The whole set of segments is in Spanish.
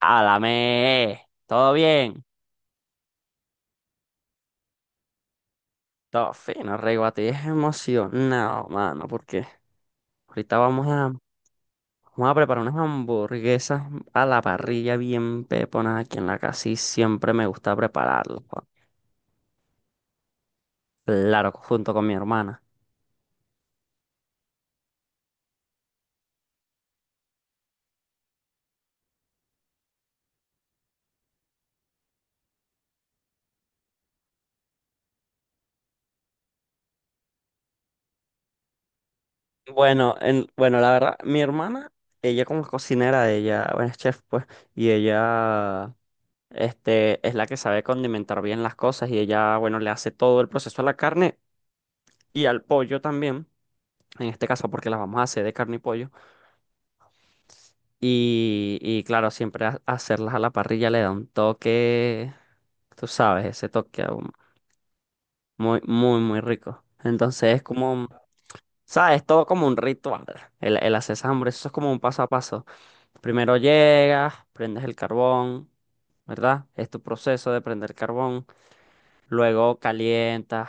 Álame, ¿todo bien? Todo fino, rey. A es emocionado, mano, porque ahorita vamos a, vamos a preparar unas hamburguesas a la parrilla bien peponas aquí en la casa y siempre me gusta prepararlas, pa. Claro, junto con mi hermana. Bueno, la verdad, mi hermana, ella como es cocinera, ella, bueno, es chef, pues, y ella es la que sabe condimentar bien las cosas y ella, bueno, le hace todo el proceso a la carne y al pollo también. En este caso porque las vamos a hacer de carne y pollo. Y claro, siempre hacerlas a la parrilla le da un toque, tú sabes, ese toque aún muy, muy rico. Entonces es como, ¿sabes? Todo como un ritual. El hacer esas hamburguesas, eso es como un paso a paso. Primero llegas, prendes el carbón, ¿verdad? Es tu proceso de prender carbón. Luego calientas.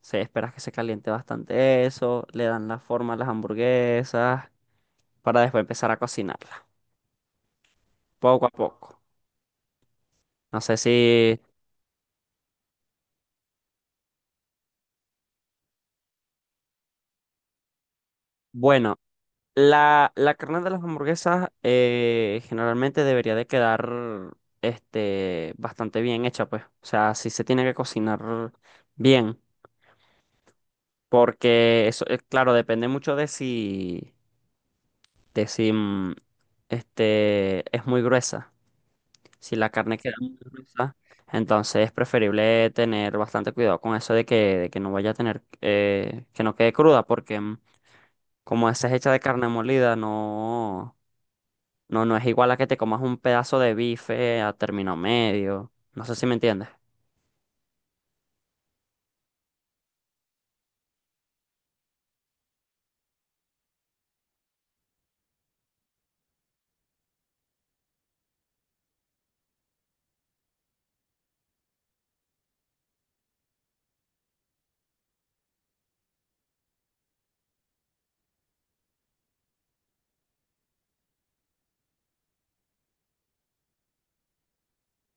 Esperas que se caliente bastante eso, le dan la forma a las hamburguesas para después empezar a cocinarlas. Poco a poco. No sé si... Bueno, la carne de las hamburguesas generalmente debería de quedar bastante bien hecha, pues. O sea, si se tiene que cocinar bien. Porque eso, claro, depende mucho de si es muy gruesa. Si la carne queda muy gruesa, entonces es preferible tener bastante cuidado con eso de que no vaya a tener, que no quede cruda, porque como esa es hecha de carne molida, no es igual a que te comas un pedazo de bife a término medio. No sé si me entiendes.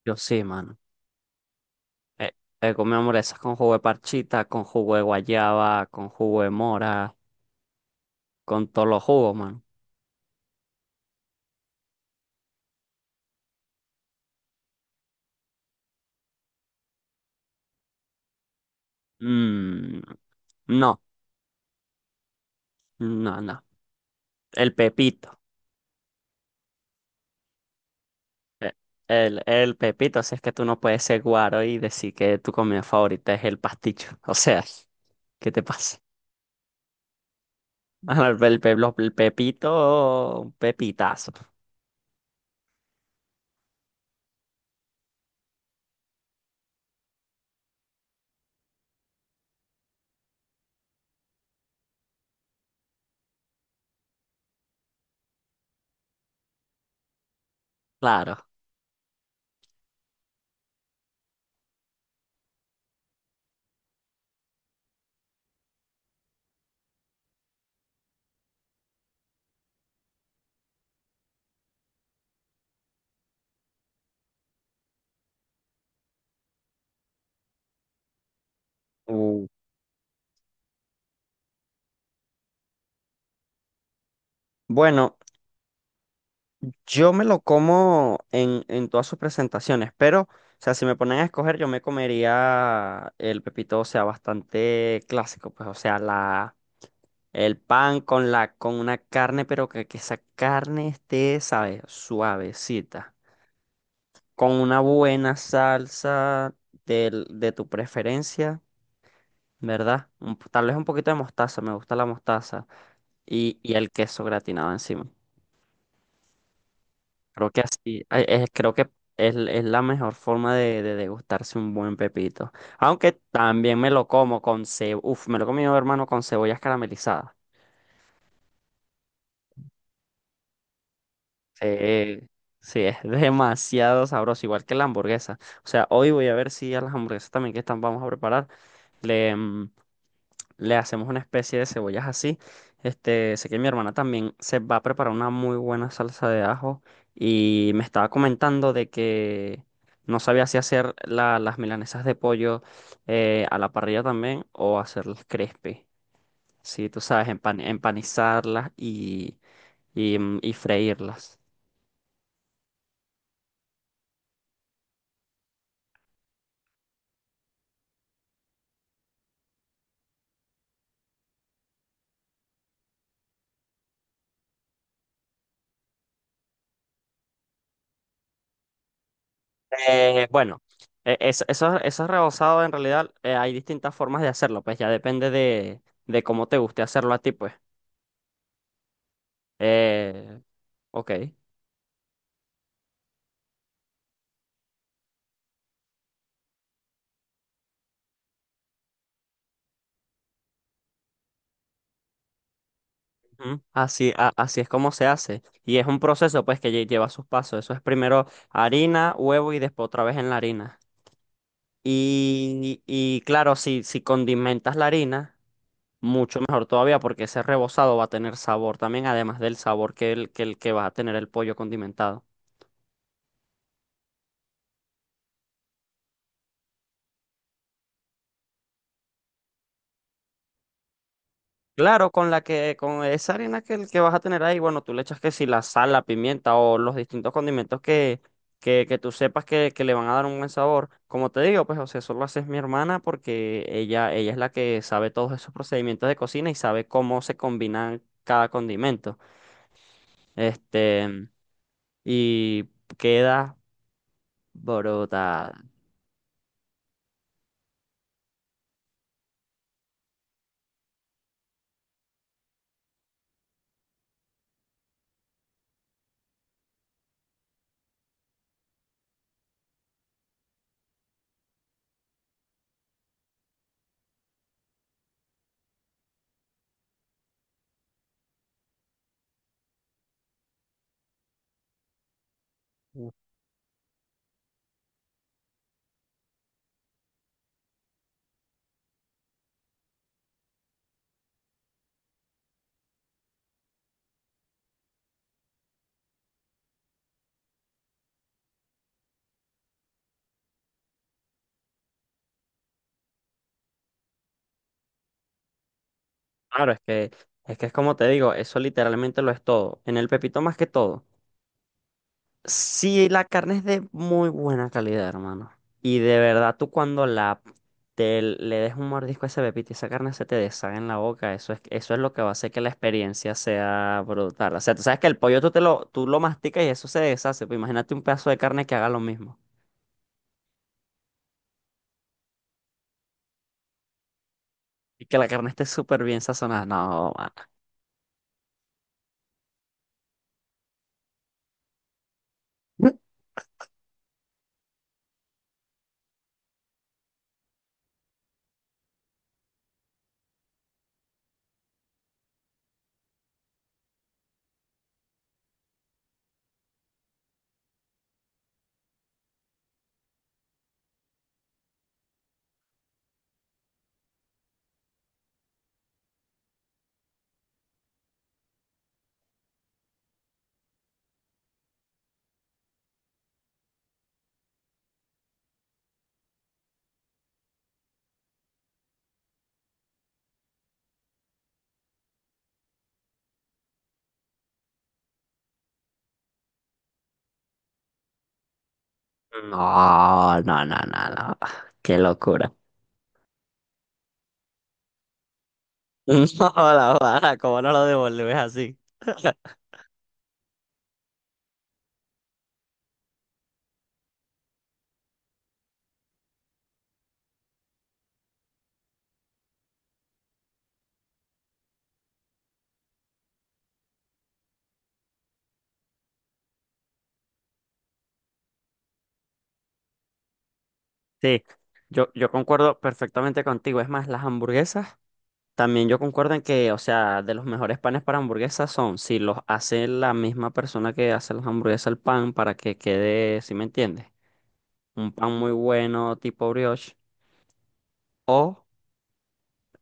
Yo sí, mano. Eh, He comido hamburguesas con jugo de parchita, con jugo de guayaba, con jugo de mora, con todos los jugos, mano. Mm, no, no, no. El pepito. Eh, el pepito, si es que tú no puedes ser guaro y decir que tu comida favorita es el pasticho. O sea, ¿qué te pasa? Ah, El, pe- pe- los- el pepito, pepitazo, claro. Uh, bueno, yo me lo como en todas sus presentaciones, pero, o sea, si me ponen a escoger, yo me comería el pepito, o sea, bastante clásico, pues, o sea, la, el pan con la, con una carne, pero que esa carne esté, ¿sabes? Suavecita, con una buena salsa de tu preferencia. ¿Verdad? Tal vez un poquito de mostaza, me gusta la mostaza y el queso gratinado encima. Creo que es la mejor forma de degustarse un buen pepito. Aunque también me lo como con cebolla, uf, me lo he comido, hermano, con cebollas caramelizadas. Sí, sí, es demasiado sabroso, igual que la hamburguesa. O sea, hoy voy a ver si a las hamburguesas también que están, vamos a preparar. Le hacemos una especie de cebollas así. Sé que mi hermana también se va a preparar una muy buena salsa de ajo y me estaba comentando de que no sabía si hacer las milanesas de pollo a la parrilla también o hacerlas crispy. Sí, tú sabes, empanizarlas y freírlas. Bueno, eso, eso es rebozado en realidad, hay distintas formas de hacerlo, pues ya depende de cómo te guste hacerlo a ti, pues. Eh, ok. Ujú. Así, así es como se hace. Y es un proceso, pues, que lleva sus pasos. Eso es primero harina, huevo y después otra vez en la harina. Y claro, si condimentas la harina, mucho mejor todavía, porque ese rebozado va a tener sabor también, además del sabor que el que va a tener el pollo condimentado. Claro, con con esa harina el que vas a tener ahí, bueno, tú le echas que si la sal, la pimienta o los distintos condimentos que tú sepas que le van a dar un buen sabor. Como te digo, pues, o sea, eso lo hace mi hermana porque ella es la que sabe todos esos procedimientos de cocina y sabe cómo se combinan cada condimento. Este, y queda brutal. Claro, es que es como te digo, eso literalmente lo es todo. En el pepito más que todo. Sí, la carne es de muy buena calidad, hermano. Y de verdad, tú cuando la te le des un mordisco a ese pepito y esa carne se te deshaga en la boca, eso es lo que va a hacer que la experiencia sea brutal. O sea, tú sabes que el pollo tú lo masticas y eso se deshace. Pues imagínate un pedazo de carne que haga lo mismo. Y que la carne esté súper bien sazonada. No, mano. No, no, no, no, no. Qué locura. No, la vara, ¿cómo no lo devolves así? Sí, yo concuerdo perfectamente contigo. Es más, las hamburguesas, también yo concuerdo en que, o sea, de los mejores panes para hamburguesas son si los hace la misma persona que hace las hamburguesas el pan para que quede, ¿si me entiendes? Un pan muy bueno tipo brioche o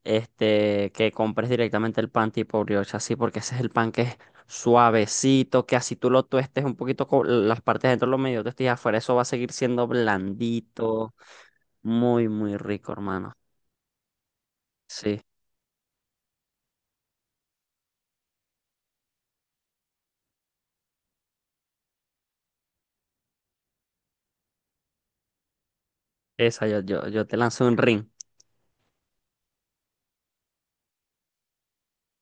este que compres directamente el pan tipo brioche así porque ese es el pan que es suavecito, que así tú lo tuestes un poquito con las partes de dentro lo medio tuestes y afuera eso va a seguir siendo blandito, muy muy rico, hermano. Sí. Esa, yo te lanzo un ring.